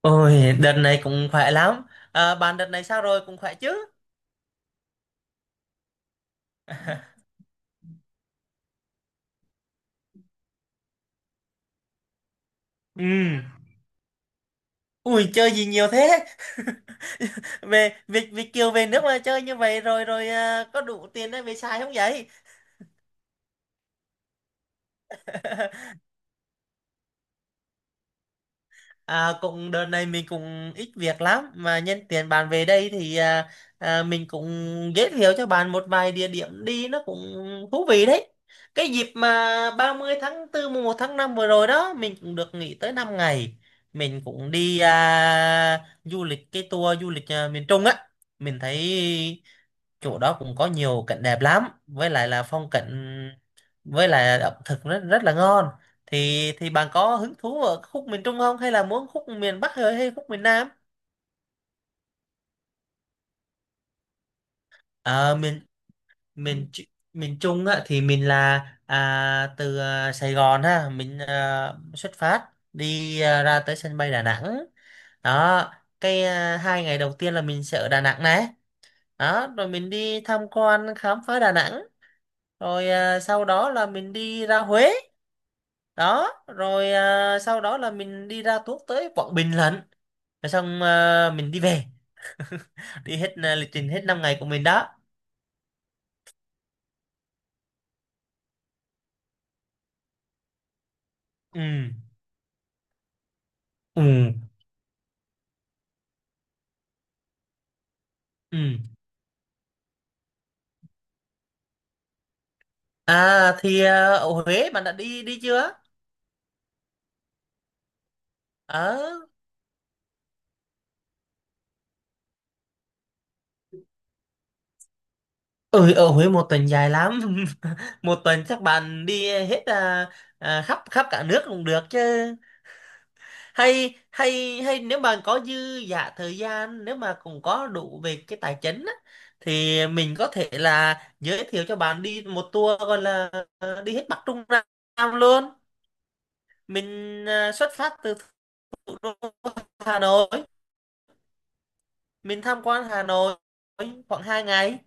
Ôi, đợt này cũng khỏe lắm. À, bạn đợt này sao rồi, cũng khỏe chứ? Ừ. Ui, chơi gì nhiều thế? Về Việt Việt Kiều về nước mà chơi như vậy rồi rồi à, có đủ tiền để về xài không vậy? À, cũng đợt này mình cũng ít việc lắm mà nhân tiện bạn về đây thì mình cũng giới thiệu cho bạn một vài địa điểm đi nó cũng thú vị đấy. Cái dịp mà 30 tháng 4 mùng 1 tháng 5 vừa rồi đó mình cũng được nghỉ tới 5 ngày. Mình cũng đi du lịch cái tour du lịch miền Trung á. Mình thấy chỗ đó cũng có nhiều cảnh đẹp lắm, với lại là phong cảnh, với lại ẩm thực rất rất là ngon, thì bạn có hứng thú ở khúc miền Trung không, hay là muốn khúc miền Bắc hay hay khúc miền Nam? Ờ, miền miền Tr- miền Trung á, thì mình là từ Sài Gòn, ha, mình xuất phát đi ra tới sân bay Đà Nẵng đó. Cái 2 ngày đầu tiên là mình sẽ ở Đà Nẵng này, đó rồi mình đi tham quan khám phá Đà Nẵng, rồi sau đó là mình đi ra Huế, đó rồi sau đó là mình đi ra tuốt tới Quảng Bình lận, rồi xong mình đi về, đi hết lịch trình hết 5 ngày của mình đó. Ừ. Ừ. Ừ. À thì ở Huế bạn đã đi đi chưa? Ở ừ, ở Huế một tuần dài lắm. Một tuần chắc bạn đi hết khắp khắp cả nước cũng được chứ. Hay hay hay nếu mà có dư giả thời gian, nếu mà cũng có đủ về cái tài chính á, thì mình có thể là giới thiệu cho bạn đi một tour gọi là đi hết Bắc Trung Nam luôn. Mình xuất phát từ thủ đô Hà Nội, mình tham quan Hà Nội khoảng 2 ngày,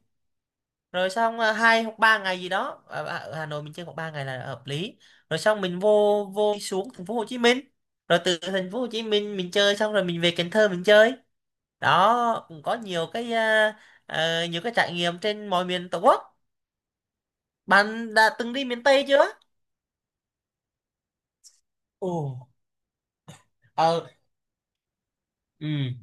rồi xong 2 hoặc 3 ngày gì đó ở ở Hà Nội mình chơi khoảng 3 ngày là hợp lý, rồi xong mình vô vô xuống thành phố Hồ Chí Minh, rồi từ thành phố Hồ Chí Minh mình chơi xong rồi mình về Cần Thơ mình chơi. Đó cũng có nhiều cái nhiều cái trải nghiệm trên mọi miền Tổ quốc. Bạn đã từng đi miền Tây chưa? Ồ. Ờ. Ừ.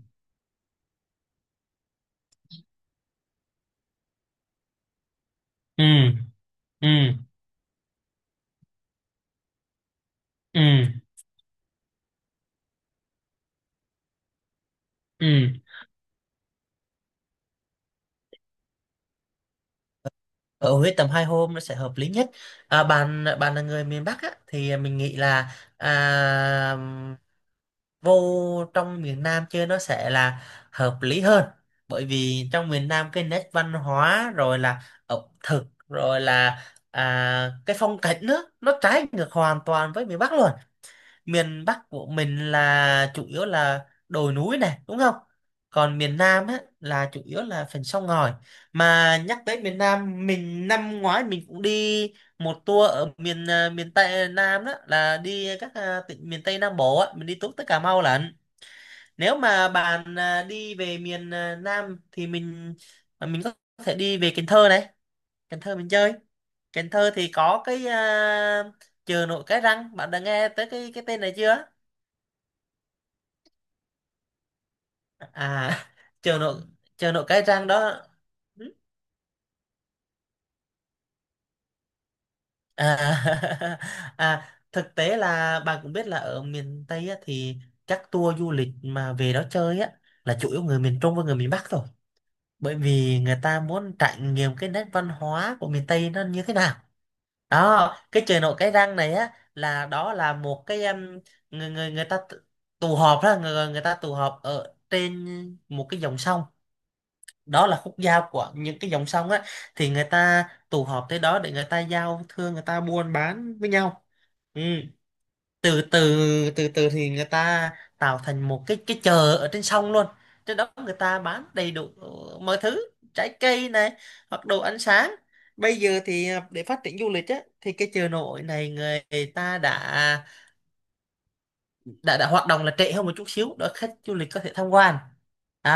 Ừ. Ừ. Ừ. Ừ. Ở Huế tầm 2 hôm nó sẽ hợp lý nhất. Bạn bạn là người miền Bắc á, thì mình nghĩ là vô trong miền Nam chơi nó sẽ là hợp lý hơn. Bởi vì trong miền Nam cái nét văn hóa rồi là ẩm thực rồi là cái phong cảnh nữa, nó trái ngược hoàn toàn với miền Bắc luôn. Miền Bắc của mình là chủ yếu là đồi núi này, đúng không? Còn miền Nam á, là chủ yếu là phần sông ngòi. Mà nhắc tới miền Nam, mình năm ngoái mình cũng đi một tour ở miền Tây Nam, đó là đi các tỉnh miền Tây Nam Bộ á, mình đi tuốt tới Cà Mau lận. Nếu mà bạn đi về miền Nam thì mình có thể đi về Cần Thơ này. Cần Thơ mình chơi. Cần Thơ thì có cái chợ nổi Cái Răng, bạn đã nghe tới cái tên này chưa? À, trường nội trường nội cái trang đó. à, À thực tế là bạn cũng biết là ở miền Tây á, thì các tour du lịch mà về đó chơi á là chủ yếu người miền Trung và người miền Bắc thôi. Bởi vì người ta muốn trải nghiệm cái nét văn hóa của miền Tây nó như thế nào. Đó, cái chợ nổi Cái Răng này á, là đó là một cái người người người ta tụ tụ họp đó, người người ta tụ họp ở trên một cái dòng sông, đó là khúc giao của những cái dòng sông á, thì người ta tụ họp tới đó để người ta giao thương, người ta buôn bán với nhau. Ừ. từ từ từ từ thì người ta tạo thành một cái chợ ở trên sông luôn. Trên đó người ta bán đầy đủ mọi thứ, trái cây này, hoặc đồ ăn sáng. Bây giờ thì để phát triển du lịch á, thì cái chợ nổi này người ta đã hoạt động là trễ hơn một chút xíu để khách du lịch có thể tham quan. À,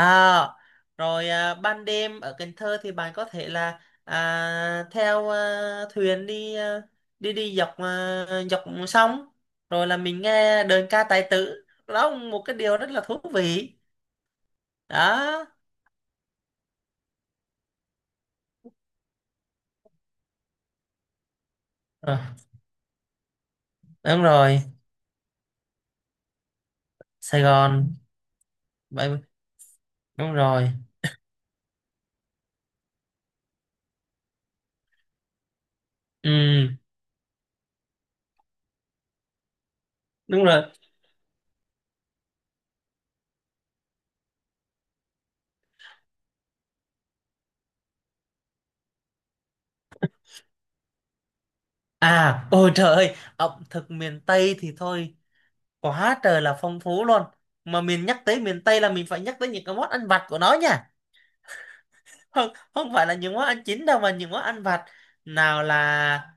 rồi ban đêm ở Cần Thơ thì bạn có thể là theo thuyền đi đi đi dọc dọc sông, rồi là mình nghe đờn ca tài tử, đó cũng một cái điều rất là thú vị đó. Ờ, đúng rồi. Sài Gòn vậy. Đúng rồi. Ừ. Đúng rồi. Ôi trời ơi, ẩm thực miền Tây thì thôi, quá trời là phong phú luôn. Mà mình nhắc tới miền Tây là mình phải nhắc tới những cái món ăn vặt của nó nha. Không không phải là những món ăn chính đâu, mà những món ăn vặt. Nào là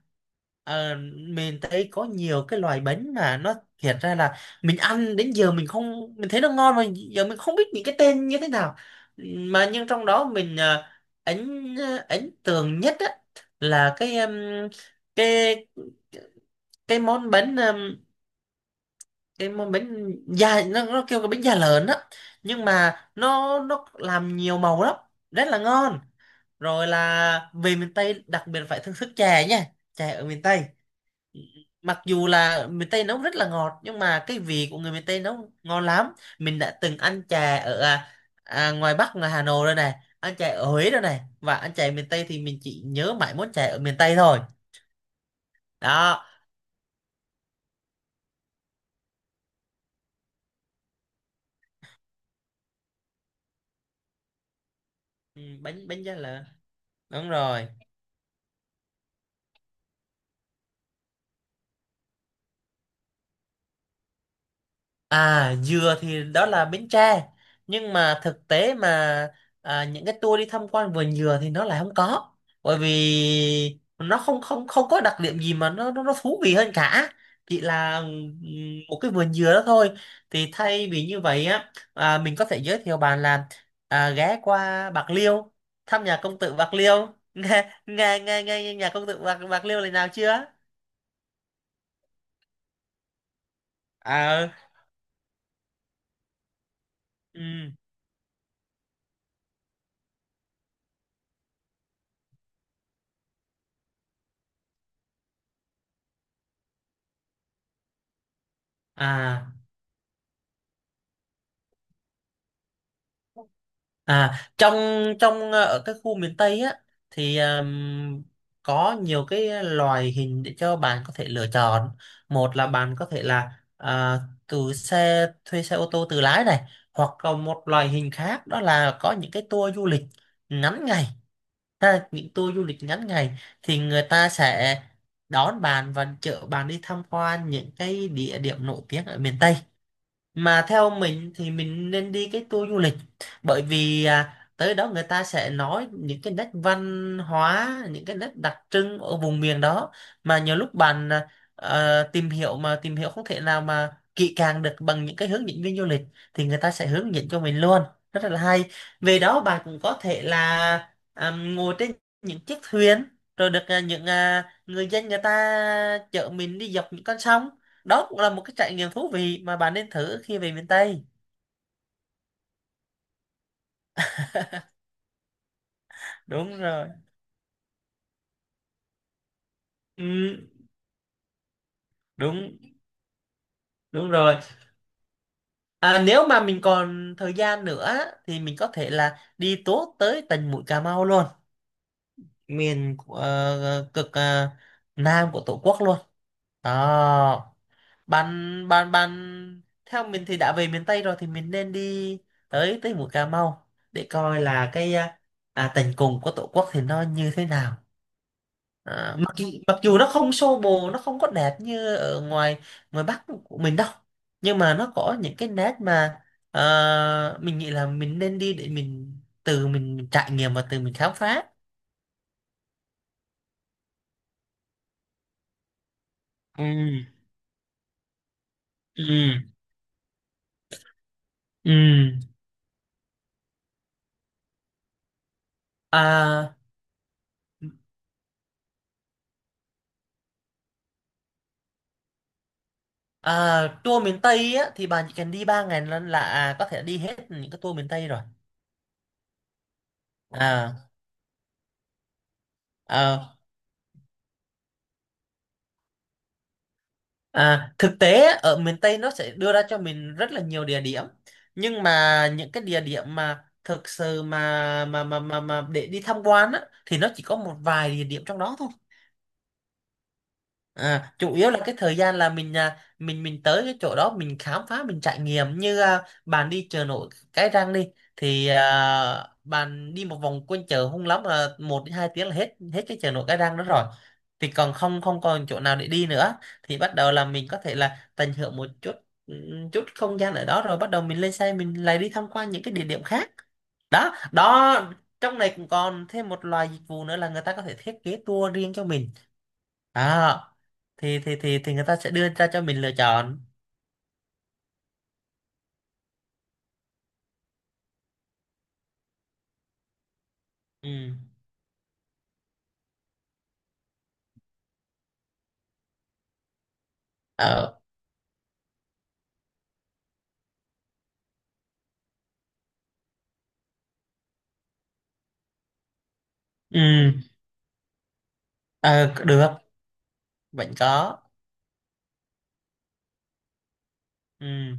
ờ, mình thấy có nhiều cái loại bánh mà nó hiện ra là, mình ăn đến giờ mình không, mình thấy nó ngon mà giờ mình không biết những cái tên như thế nào. Mà nhưng trong đó mình ấn ấn tượng nhất á, là cái cái món bánh um, cái món bánh da, nó kêu cái bánh da lợn á, nhưng mà nó làm nhiều màu lắm, rất là ngon. Rồi là về miền Tây đặc biệt phải thưởng thức chè nha. Chè ở miền Tây, mặc dù là miền Tây nấu rất là ngọt nhưng mà cái vị của người miền Tây nấu ngon lắm. Mình đã từng ăn chè ở ngoài Bắc, ngoài Hà Nội rồi này, ăn chè ở Huế rồi này, và ăn chè miền Tây, thì mình chỉ nhớ mãi món chè ở miền Tây thôi đó. Ừ, bánh bánh giá lợn. Đúng rồi. À, dừa thì đó là Bến Tre. Nhưng mà thực tế mà những cái tour đi tham quan vườn dừa thì nó lại không có. Bởi vì nó không không không có đặc điểm gì mà nó thú vị hơn cả. Chỉ là một cái vườn dừa đó thôi. Thì thay vì như vậy á, mình có thể giới thiệu bạn là ghé qua Bạc Liêu, thăm nhà công tử Bạc Liêu. Nghe nghe nghe nghe nhà công tử Bạc Bạc Liêu lần nào chưa? À, ừ. À À, trong trong ờ, ở các khu miền Tây á thì có nhiều cái loài hình để cho bạn có thể lựa chọn. Một là bạn có thể là à, từ xe thuê xe ô tô tự lái này, hoặc là một loại hình khác, đó là có những cái tour du lịch ngắn ngày. Ha, những tour du lịch ngắn ngày thì người ta sẽ đón bạn và chở bạn đi tham quan những cái địa điểm nổi tiếng ở miền Tây, mà theo mình thì mình nên đi cái tour du lịch. Bởi vì tới đó người ta sẽ nói những cái nét văn hóa, những cái nét đặc trưng ở vùng miền đó, mà nhiều lúc bạn tìm hiểu mà tìm hiểu không thể nào mà kỹ càng được bằng những cái hướng dẫn viên du lịch, thì người ta sẽ hướng dẫn cho mình luôn, rất là hay. Về đó bạn cũng có thể là ngồi trên những chiếc thuyền, rồi được những người dân người ta chở mình đi dọc những con sông, đó cũng là một cái trải nghiệm thú vị mà bạn nên thử khi về miền Tây. Đúng rồi. Ừ, đúng đúng rồi. Nếu mà mình còn thời gian nữa á, thì mình có thể là đi tốt tới tận mũi Cà Mau luôn. Cực nam của Tổ quốc luôn đó. Bạn bạn bạn theo mình thì đã về miền Tây rồi thì mình nên đi tới tới mũi Cà Mau để coi là cái tận cùng của Tổ quốc thì nó như thế nào. À, mặc dù nó không xô bồ, nó không có đẹp như ở ngoài ngoài Bắc của mình đâu, nhưng mà nó có những cái nét mà mình nghĩ là mình nên đi để mình, từ mình trải nghiệm và từ mình khám phá. Ừ. Ừ. Ừ. à, Tour miền Tây á thì bạn chỉ cần đi 3 ngày là, có thể đi hết những cái tour miền Tây rồi. à, à Thực tế á, ở miền Tây nó sẽ đưa ra cho mình rất là nhiều địa điểm, nhưng mà những cái địa điểm mà thực sự mà để đi tham quan á, thì nó chỉ có một vài địa điểm trong đó thôi. À, chủ yếu là cái thời gian là mình à, mình mình tới cái chỗ đó mình khám phá mình trải nghiệm, như bạn đi chợ nổi Cái Răng đi, thì bạn đi một vòng quanh chợ hung lắm là 1 đến 2 tiếng là hết hết cái chợ nổi Cái Răng đó rồi, thì còn không không còn chỗ nào để đi nữa, thì bắt đầu là mình có thể là tận hưởng một chút. Ừ, chút không gian ở đó rồi bắt đầu mình lên xe mình lại đi tham quan những cái địa điểm khác. Đó đó, trong này cũng còn thêm một loại dịch vụ nữa là người ta có thể thiết kế tour riêng cho mình. Đó, thì người ta sẽ đưa ra cho mình lựa chọn. Ừ. Ờ. Ừ. Ờ, được. Vẫn có. Ừ.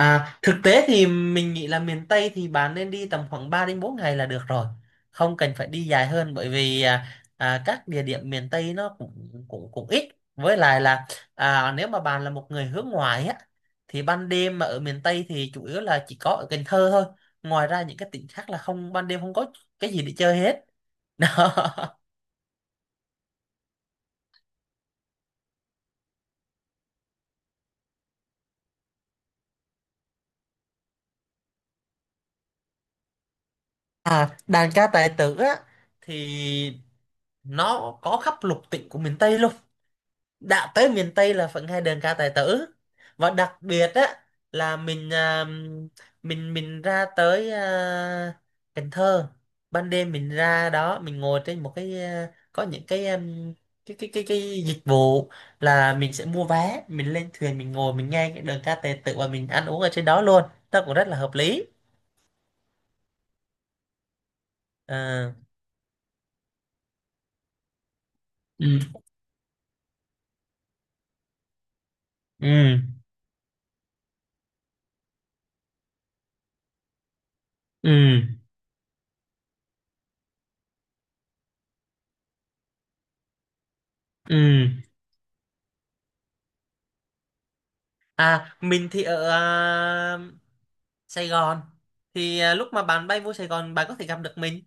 À, thực tế thì mình nghĩ là miền Tây thì bạn nên đi tầm khoảng 3 đến 4 ngày là được rồi. Không cần phải đi dài hơn, bởi vì các địa điểm miền Tây nó cũng cũng cũng ít. Với lại là nếu mà bạn là một người hướng ngoại á, thì ban đêm mà ở miền Tây thì chủ yếu là chỉ có ở Cần Thơ thôi. Ngoài ra những cái tỉnh khác là không, ban đêm không có cái gì để chơi hết. Đó. À, đàn ca tài tử á, thì nó có khắp lục tỉnh của miền Tây luôn. Đã tới miền Tây là vẫn hay đờn ca tài tử, và đặc biệt á là mình ra tới Cần Thơ, ban đêm mình ra đó mình ngồi trên một cái, có những cái, cái dịch vụ là mình sẽ mua vé mình lên thuyền mình ngồi mình nghe cái đờn ca tài tử và mình ăn uống ở trên đó luôn, nó cũng rất là hợp lý. À. Ừ. Ừ. Ừ. Ừ. À, mình thì ở Sài Gòn, thì lúc mà bạn bay vô Sài Gòn bạn có thể gặp được mình.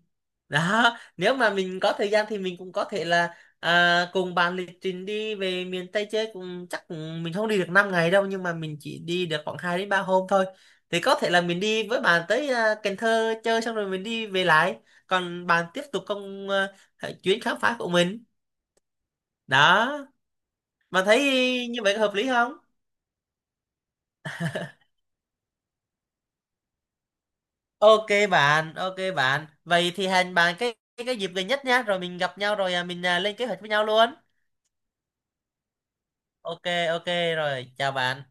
Đó, nếu mà mình có thời gian thì mình cũng có thể là cùng bạn lịch trình đi về miền Tây chơi cũng chắc cũng- mình không đi được 5 ngày đâu, nhưng mà mình chỉ đi được khoảng 2 đến 3 hôm thôi, thì có thể là mình đi với bạn tới Cần Thơ chơi xong rồi mình đi về lại, còn bạn tiếp tục công- chuyến khám phá của mình. Đó, bạn thấy như vậy có hợp lý không? Ok bạn, ok bạn. Vậy thì hẹn bạn cái dịp gần nhất nhá, rồi mình gặp nhau rồi mình, lên kế hoạch với nhau luôn. Ok. Ok. Rồi, chào bạn.